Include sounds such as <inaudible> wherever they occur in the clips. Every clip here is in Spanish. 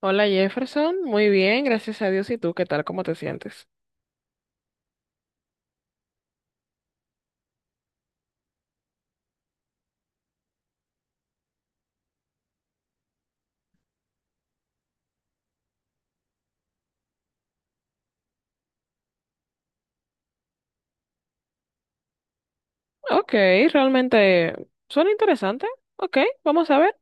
Hola Jefferson, muy bien, gracias a Dios. ¿Y tú qué tal? ¿Cómo te sientes? Ok, realmente suena interesante. Ok, vamos a ver.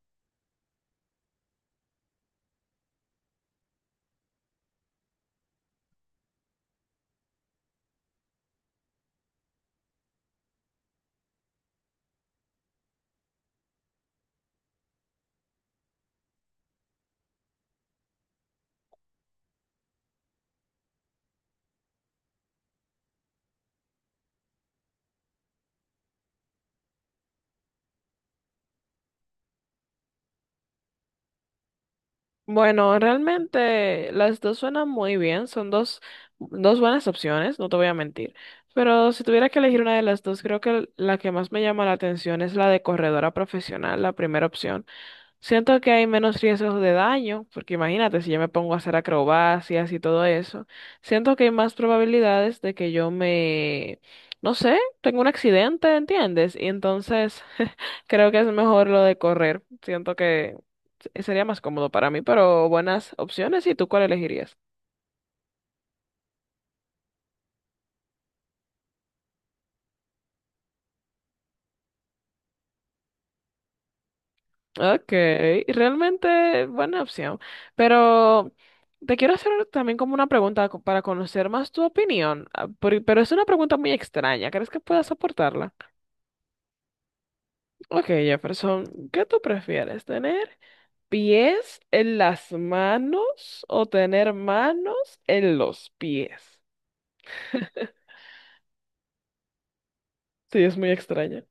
Bueno, realmente las dos suenan muy bien, son dos buenas opciones, no te voy a mentir. Pero si tuviera que elegir una de las dos, creo que la que más me llama la atención es la de corredora profesional, la primera opción. Siento que hay menos riesgos de daño, porque imagínate, si yo me pongo a hacer acrobacias y todo eso, siento que hay más probabilidades de que yo me, no sé, tenga un accidente, ¿entiendes? Y entonces <laughs> creo que es mejor lo de correr. Siento que sería más cómodo para mí, pero buenas opciones. ¿Y tú cuál elegirías? Okay, realmente buena opción. Pero te quiero hacer también como una pregunta para conocer más tu opinión, pero es una pregunta muy extraña. ¿Crees que puedas soportarla? Ok, Jefferson, ¿qué tú prefieres? ¿Tener pies en las manos o tener manos en los pies? <laughs> Sí, es muy extraña.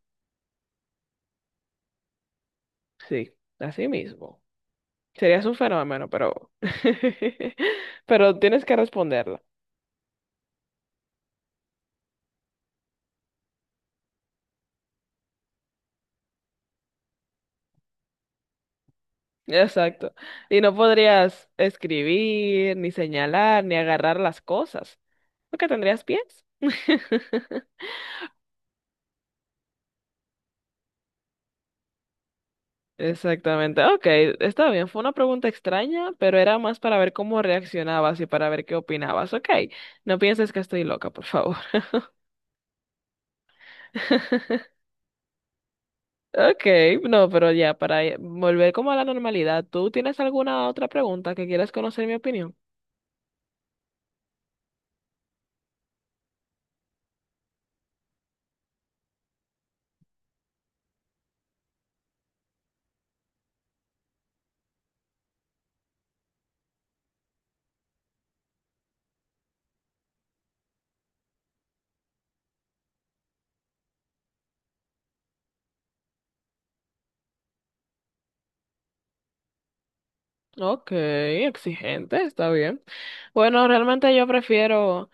Sí, así mismo. Serías un fenómeno, pero <laughs> pero tienes que responderla. Exacto. Y no podrías escribir, ni señalar, ni agarrar las cosas, porque tendrías pies. <laughs> Exactamente. Ok, está bien. Fue una pregunta extraña, pero era más para ver cómo reaccionabas y para ver qué opinabas. Ok, no pienses que estoy loca, por favor. <laughs> Ok, no, pero ya, para volver como a la normalidad, ¿tú tienes alguna otra pregunta que quieras conocer mi opinión? Ok, exigente, está bien. Bueno, realmente yo prefiero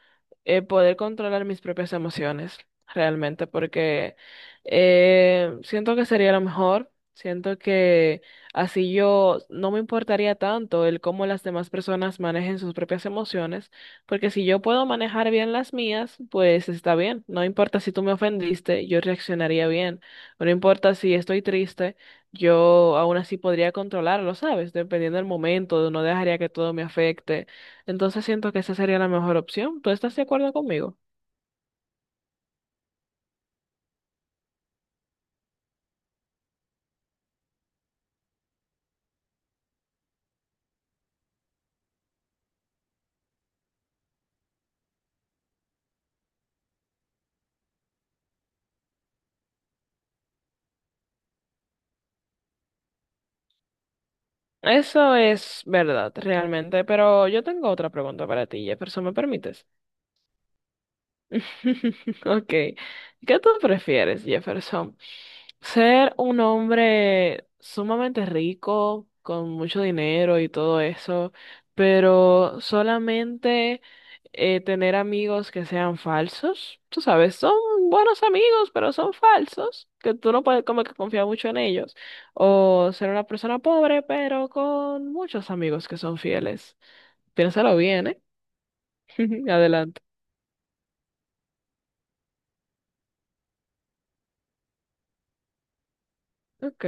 poder controlar mis propias emociones, realmente, porque siento que sería lo mejor. Siento que así yo no me importaría tanto el cómo las demás personas manejen sus propias emociones, porque si yo puedo manejar bien las mías, pues está bien. No importa si tú me ofendiste, yo reaccionaría bien. No importa si estoy triste, yo aún así podría controlarlo, ¿sabes? Dependiendo del momento, no dejaría que todo me afecte. Entonces siento que esa sería la mejor opción. ¿Tú estás de acuerdo conmigo? Eso es verdad, realmente, pero yo tengo otra pregunta para ti, Jefferson, ¿me permites? <laughs> Ok. ¿Qué tú prefieres, Jefferson? Ser un hombre sumamente rico, con mucho dinero y todo eso, pero solamente tener amigos que sean falsos. Tú sabes, son buenos amigos, pero son falsos, que tú no puedes como que confiar mucho en ellos. O ser una persona pobre, pero con muchos amigos que son fieles. Piénsalo bien, ¿eh? <laughs> Adelante. Ok.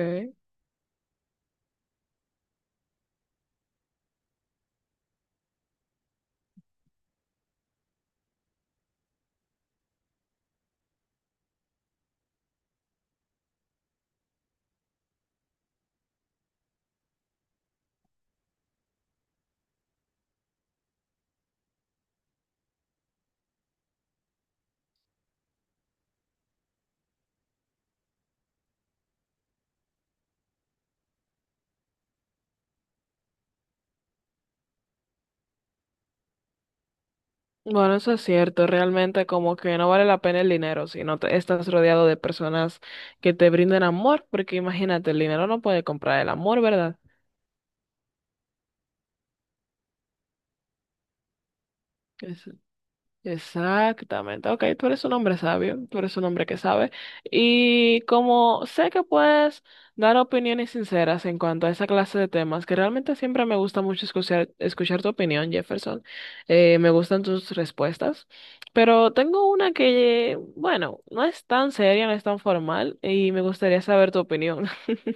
Bueno, eso es cierto, realmente como que no vale la pena el dinero si no te- estás rodeado de personas que te brinden amor, porque imagínate, el dinero no puede comprar el amor, ¿verdad? Exactamente. Ok, tú eres un hombre sabio, tú eres un hombre que sabe. Y como sé que puedes dar opiniones sinceras en cuanto a esa clase de temas, que realmente siempre me gusta mucho escuchar tu opinión, Jefferson, me gustan tus respuestas, pero tengo una que, bueno, no es tan seria, no es tan formal y me gustaría saber tu opinión. <laughs>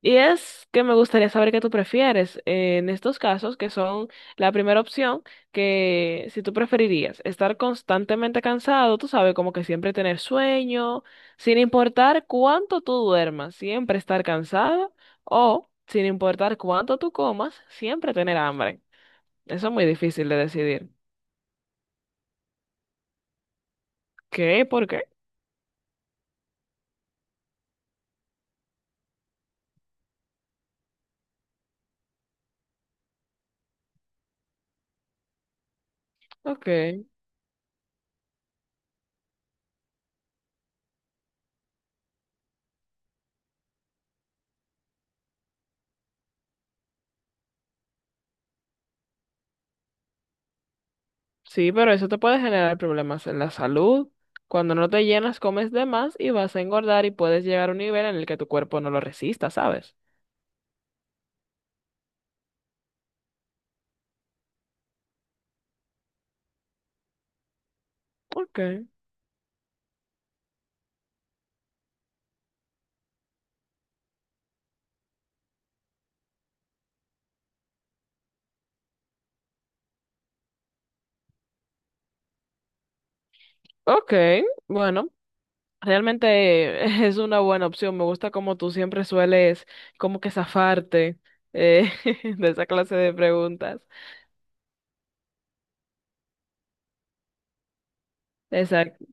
Y es que me gustaría saber qué tú prefieres en estos casos, que son la primera opción, que si tú preferirías estar constantemente cansado, tú sabes, como que siempre tener sueño, sin importar cuánto tú duermas, siempre estar cansado, o sin importar cuánto tú comas, siempre tener hambre. Eso es muy difícil de decidir. ¿Qué? ¿Por qué? Ok. Sí, pero eso te puede generar problemas en la salud. Cuando no te llenas, comes de más y vas a engordar y puedes llegar a un nivel en el que tu cuerpo no lo resista, ¿sabes? Ok, ok, bueno, realmente <laughs> es una buena opción. Me gusta como tú siempre sueles como que zafarte eh, <laughs> de esa clase de preguntas. Exacto,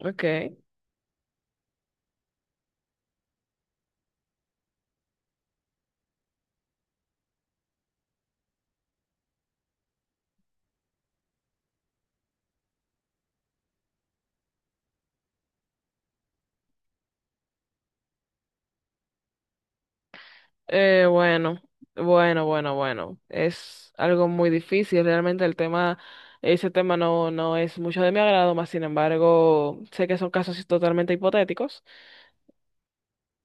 ok. Eh, bueno, bueno. Es algo muy difícil. Realmente el tema, ese tema no es mucho de mi agrado, más sin embargo, sé que son casos totalmente hipotéticos.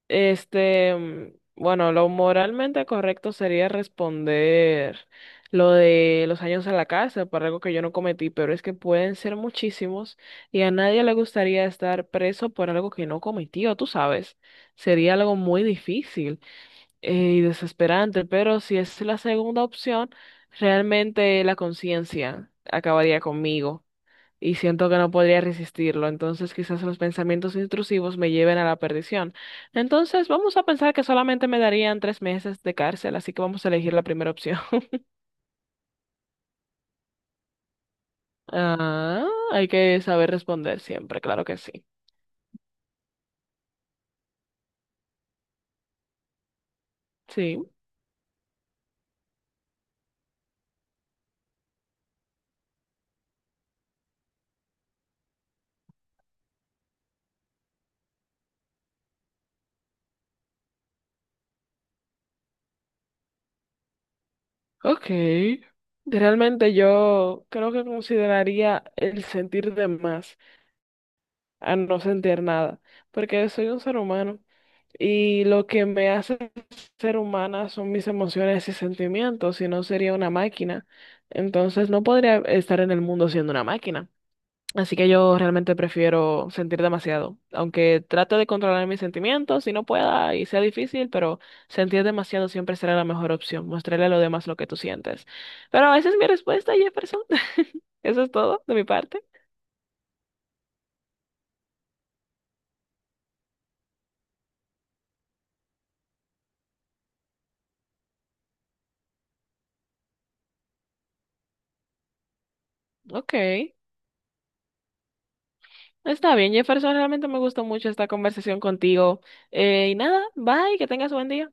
Este, mm, bueno, lo moralmente correcto sería responder lo de los años en la cárcel por algo que yo no cometí, pero es que pueden ser muchísimos y a nadie le gustaría estar preso por algo que no cometió, tú sabes. Sería algo muy difícil y desesperante, pero si es la segunda opción, realmente la conciencia acabaría conmigo y siento que no podría resistirlo, entonces quizás los pensamientos intrusivos me lleven a la perdición. Entonces vamos a pensar que solamente me darían 3 meses de cárcel, así que vamos a elegir la primera opción. <laughs> Ah, hay que saber responder siempre, claro que sí. Sí, ok. Realmente yo creo que consideraría el sentir de más a no sentir nada, porque soy un ser humano y lo que me hace ser humana son mis emociones y sentimientos, si no sería una máquina. Entonces no podría estar en el mundo siendo una máquina. Así que yo realmente prefiero sentir demasiado, aunque trato de controlar mis sentimientos si no pueda y sea difícil, pero sentir demasiado siempre será la mejor opción, mostrarle a los demás lo que tú sientes. Pero esa es mi respuesta, Jefferson. <laughs> Eso es todo de mi parte. Ok. Está bien, Jefferson, realmente me gustó mucho esta conversación contigo. Y nada, bye, que tengas buen día.